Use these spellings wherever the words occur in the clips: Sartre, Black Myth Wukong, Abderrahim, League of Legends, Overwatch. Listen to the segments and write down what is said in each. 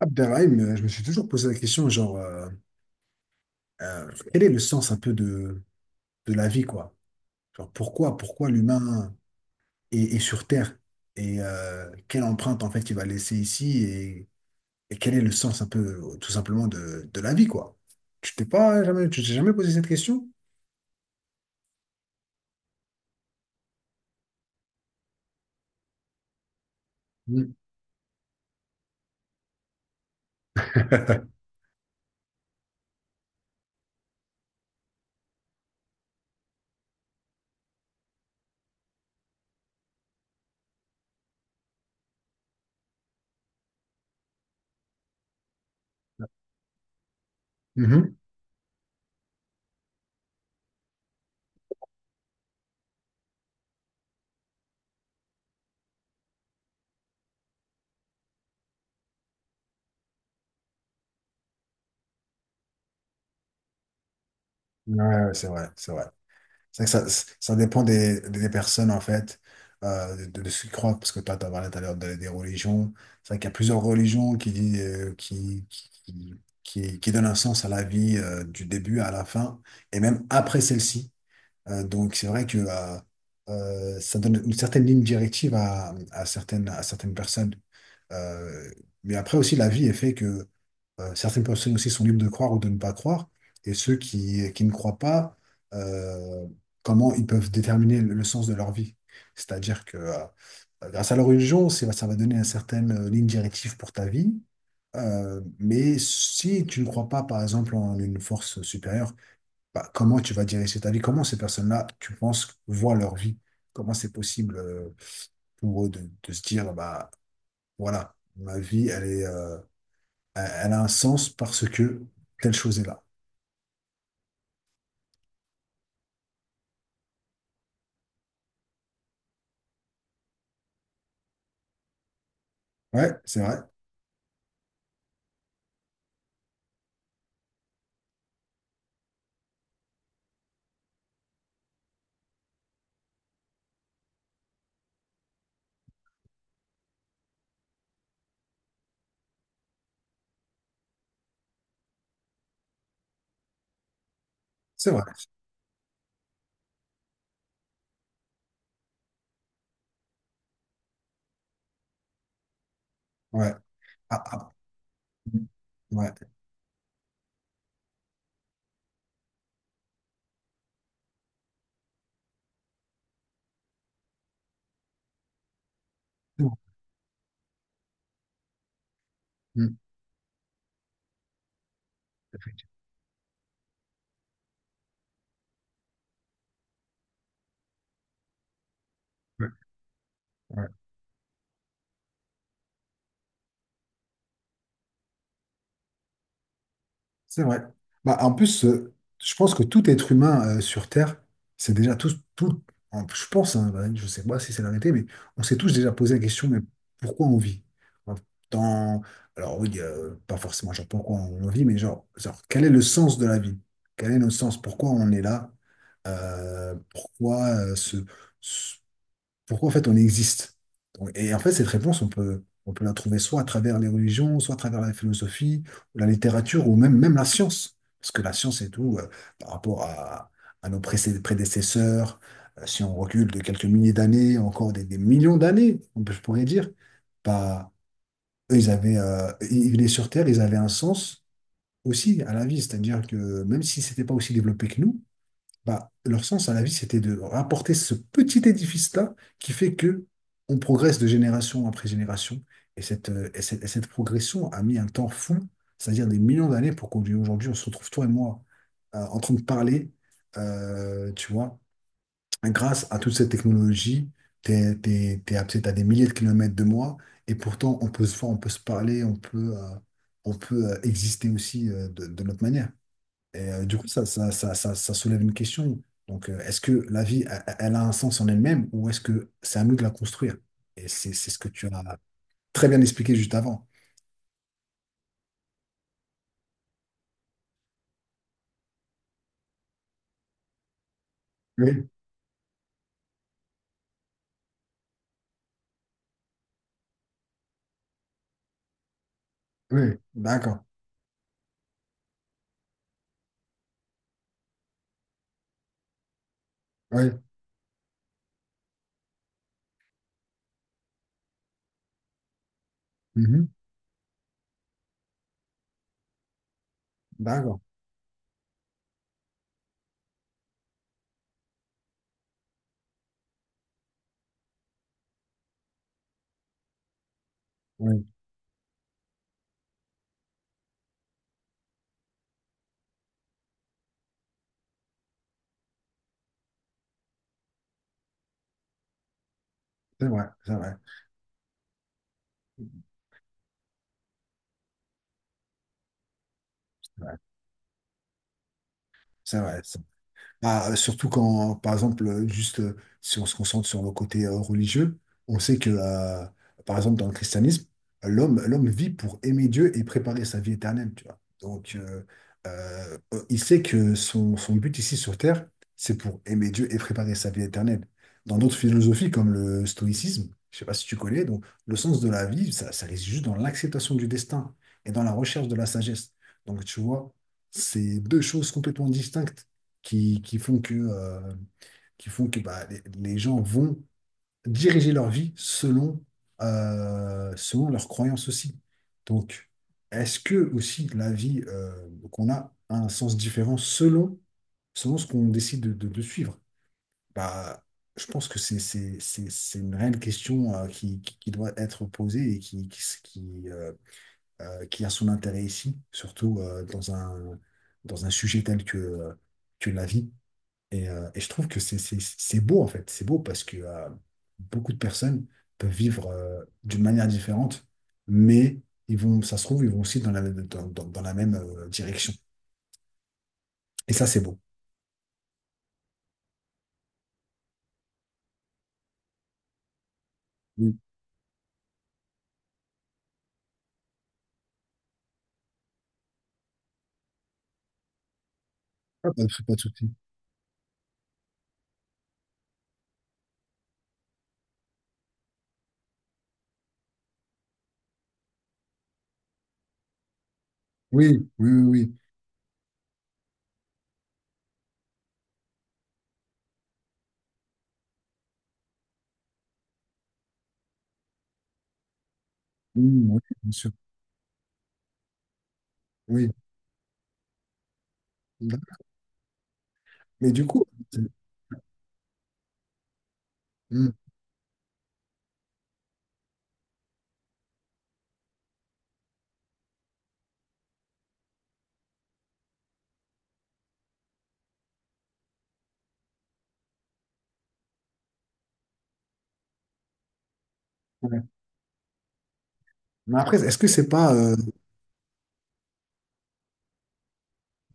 Abderrahim, je me suis toujours posé la question, genre, quel est le sens un peu de la vie, quoi? Genre, pourquoi l'humain est sur Terre? Et quelle empreinte, en fait, il va laisser ici? Et quel est le sens un peu, tout simplement, de la vie, quoi? Tu t'es jamais posé cette question? Mm. Mhm. Ouais, ouais, c'est vrai, c'est vrai. C'est que ça dépend des personnes, en fait, de ce qu'ils croient, parce que toi, tu as parlé tout à l'heure des religions. C'est vrai qu'il y a plusieurs religions qui donnent un sens à la vie, du début à la fin, et même après celle-ci. Donc c'est vrai que ça donne une certaine ligne directive à certaines personnes. Euh, mais après aussi, la vie est fait que certaines personnes aussi sont libres de croire ou de ne pas croire. Et ceux qui ne croient pas, euh, comment ils peuvent déterminer le sens de leur vie. C'est-à-dire que grâce à leur religion, ça va donner une certaine ligne directive pour ta vie. Mais si tu ne crois pas, par exemple, en une force supérieure, bah, comment tu vas diriger ta vie? Comment ces personnes-là, tu penses, voient leur vie? Comment c'est possible pour eux de se dire, bah, voilà, ma vie, elle a un sens parce que telle chose est là. Ouais, c'est vrai, c'est vrai. Ouais. Ah, ah, ouais. C'est bon. Mm. Ouais. Ouais. C'est vrai. Bah, en plus, je pense que tout être humain sur Terre, c'est déjà tous, tout, je pense, hein, bah, je sais pas si c'est l'arrêté, mais on s'est tous déjà posé la question, mais pourquoi on vit? Dans- alors oui, pas forcément genre pourquoi on vit, mais genre, quel est le sens de la vie? Quel est le sens? Pourquoi on est là? Pourquoi ce, pourquoi en fait on existe? Donc, et en fait, cette réponse, on peut la trouver soit à travers les religions, soit à travers la philosophie, ou la littérature, ou même, même la science. Parce que la science et tout, par rapport à nos prédécesseurs, si on recule de quelques milliers d'années, encore des millions d'années, je pourrais dire, bah, eux, ils venaient sur Terre, ils avaient un sens aussi à la vie. C'est-à-dire que même si c'était pas aussi développé que nous, bah, leur sens à la vie, c'était de rapporter ce petit édifice-là qui fait que on progresse de génération après génération. Et cette progression a mis un temps fou, c'est-à-dire des millions d'années pour qu'aujourd'hui, on se retrouve, toi et moi, en train de parler, tu vois, grâce à toute cette technologie. T'es à, peut-être à des milliers de kilomètres de moi, et pourtant, on peut se voir, on peut se parler, on peut exister aussi de notre manière. Et du coup, ça soulève une question. Donc, est-ce que la vie, elle, elle a un sens en elle-même ou est-ce que c'est à nous de la construire? Et c'est ce que tu as très bien expliqué juste avant. Oui, oui, d'accord. Oui, mhm, d'accord. Oui, c'est vrai, c'est vrai, c'est vrai, c'est vrai. Ah, surtout quand, par exemple, juste si on se concentre sur le côté religieux, on sait que, par exemple, dans le christianisme, l'homme vit pour aimer Dieu et préparer sa vie éternelle, tu vois. Donc, euh, il sait que son but ici sur Terre, c'est pour aimer Dieu et préparer sa vie éternelle. Dans d'autres philosophies, comme le stoïcisme, je sais pas si tu connais, donc le sens de la vie, ça réside juste dans l'acceptation du destin et dans la recherche de la sagesse. Donc, tu vois, c'est deux choses complètement distinctes qui, qui font que, euh, qui font que bah, les gens vont diriger leur vie selon leurs croyances aussi. Donc, est-ce que aussi la vie qu'on a a un sens différent selon ce qu'on décide de suivre? Bah, je pense que c'est une réelle question qui doit être posée et qui a son intérêt ici, surtout dans un sujet tel que la vie. Et je trouve que c'est beau, en fait. C'est beau parce que beaucoup de personnes peuvent vivre d'une manière différente, mais ils vont, ça se trouve, ils vont aussi dans la même direction. Et ça, c'est beau. Oui. Ah, pas de souci. Oui, oui, oui, oui. Mm, oui, bien sûr. Oui. Mais du coup, c'est- mm, ouais. Mais après, est-ce que c'est pas.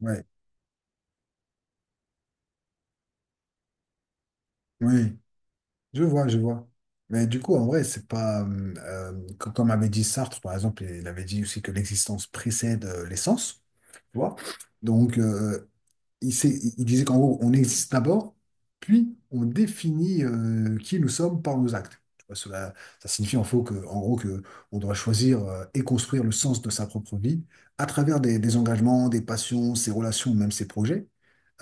Ouais, ouais. Je vois, je vois. Mais du coup, en vrai, c'est pas. Comme avait dit Sartre, par exemple, il avait dit aussi que l'existence précède l'essence. Tu vois? Donc, il disait qu'en gros, on existe d'abord, puis on définit qui nous sommes par nos actes. Tu vois, cela, ça signifie en gros que on doit choisir et construire le sens de sa propre vie à travers des engagements, des passions, ses relations, même ses projets.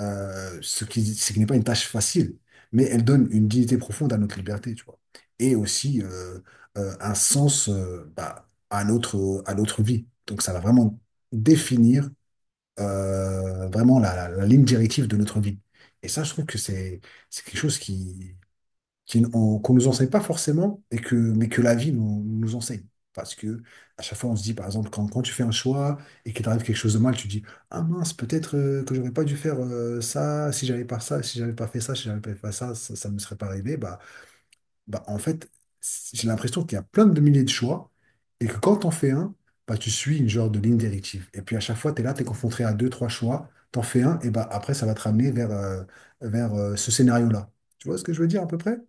Ce qui n'est pas une tâche facile, mais elle donne une dignité profonde à notre liberté, tu vois, et aussi un sens bah, à notre vie. Donc ça va vraiment définir vraiment la ligne directive de notre vie. Et ça, je trouve que c'est quelque chose qu'on nous enseigne pas forcément, mais que la vie nous, nous enseigne. Parce que à chaque fois, on se dit, par exemple, quand tu fais un choix et qu'il t'arrive quelque chose de mal, tu te dis, ah mince, peut-être que j'aurais pas dû faire ça, si j'avais pas ça, si j'avais pas fait ça, si j'avais pas fait ça, ça, ça me serait pas arrivé. Bah, en fait, j'ai l'impression qu'il y a plein de milliers de choix et que quand t'en fais un, bah, tu suis une genre de ligne directive. Et puis à chaque fois, tu es là, tu es confronté à deux, trois choix, t'en fais un, et bah, après, ça va te ramener vers ce scénario-là. Tu vois ce que je veux dire à peu près?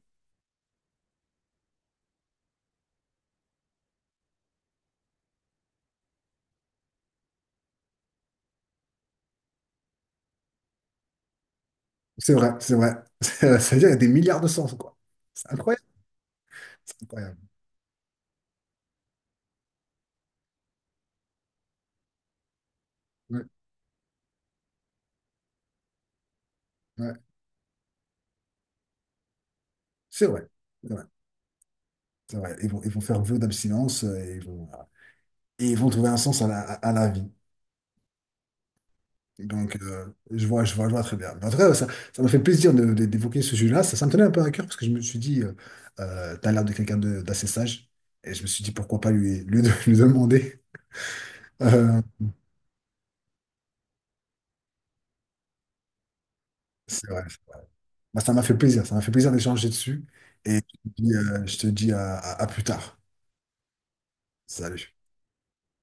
C'est vrai, c'est vrai. C'est-à-dire, il y a des milliards de sens, quoi. C'est incroyable. C'est incroyable. Ouais, ouais. C'est vrai. C'est vrai. C'est vrai. Ils vont faire vœu d'abstinence. Et ils vont, voilà. Et ils vont trouver un sens à la vie. Donc, je vois, je vois, je vois très bien. En tout cas, ça m'a fait plaisir d'évoquer ce sujet-là. Ça me tenait un peu à cœur parce que je me suis dit, t'as l'air de quelqu'un d'assez sage. Et je me suis dit, pourquoi pas lui, lui demander. Euh, c'est vrai. Bah, ça m'a fait plaisir. Ça m'a fait plaisir d'échanger dessus. Et je te dis à plus tard. Salut.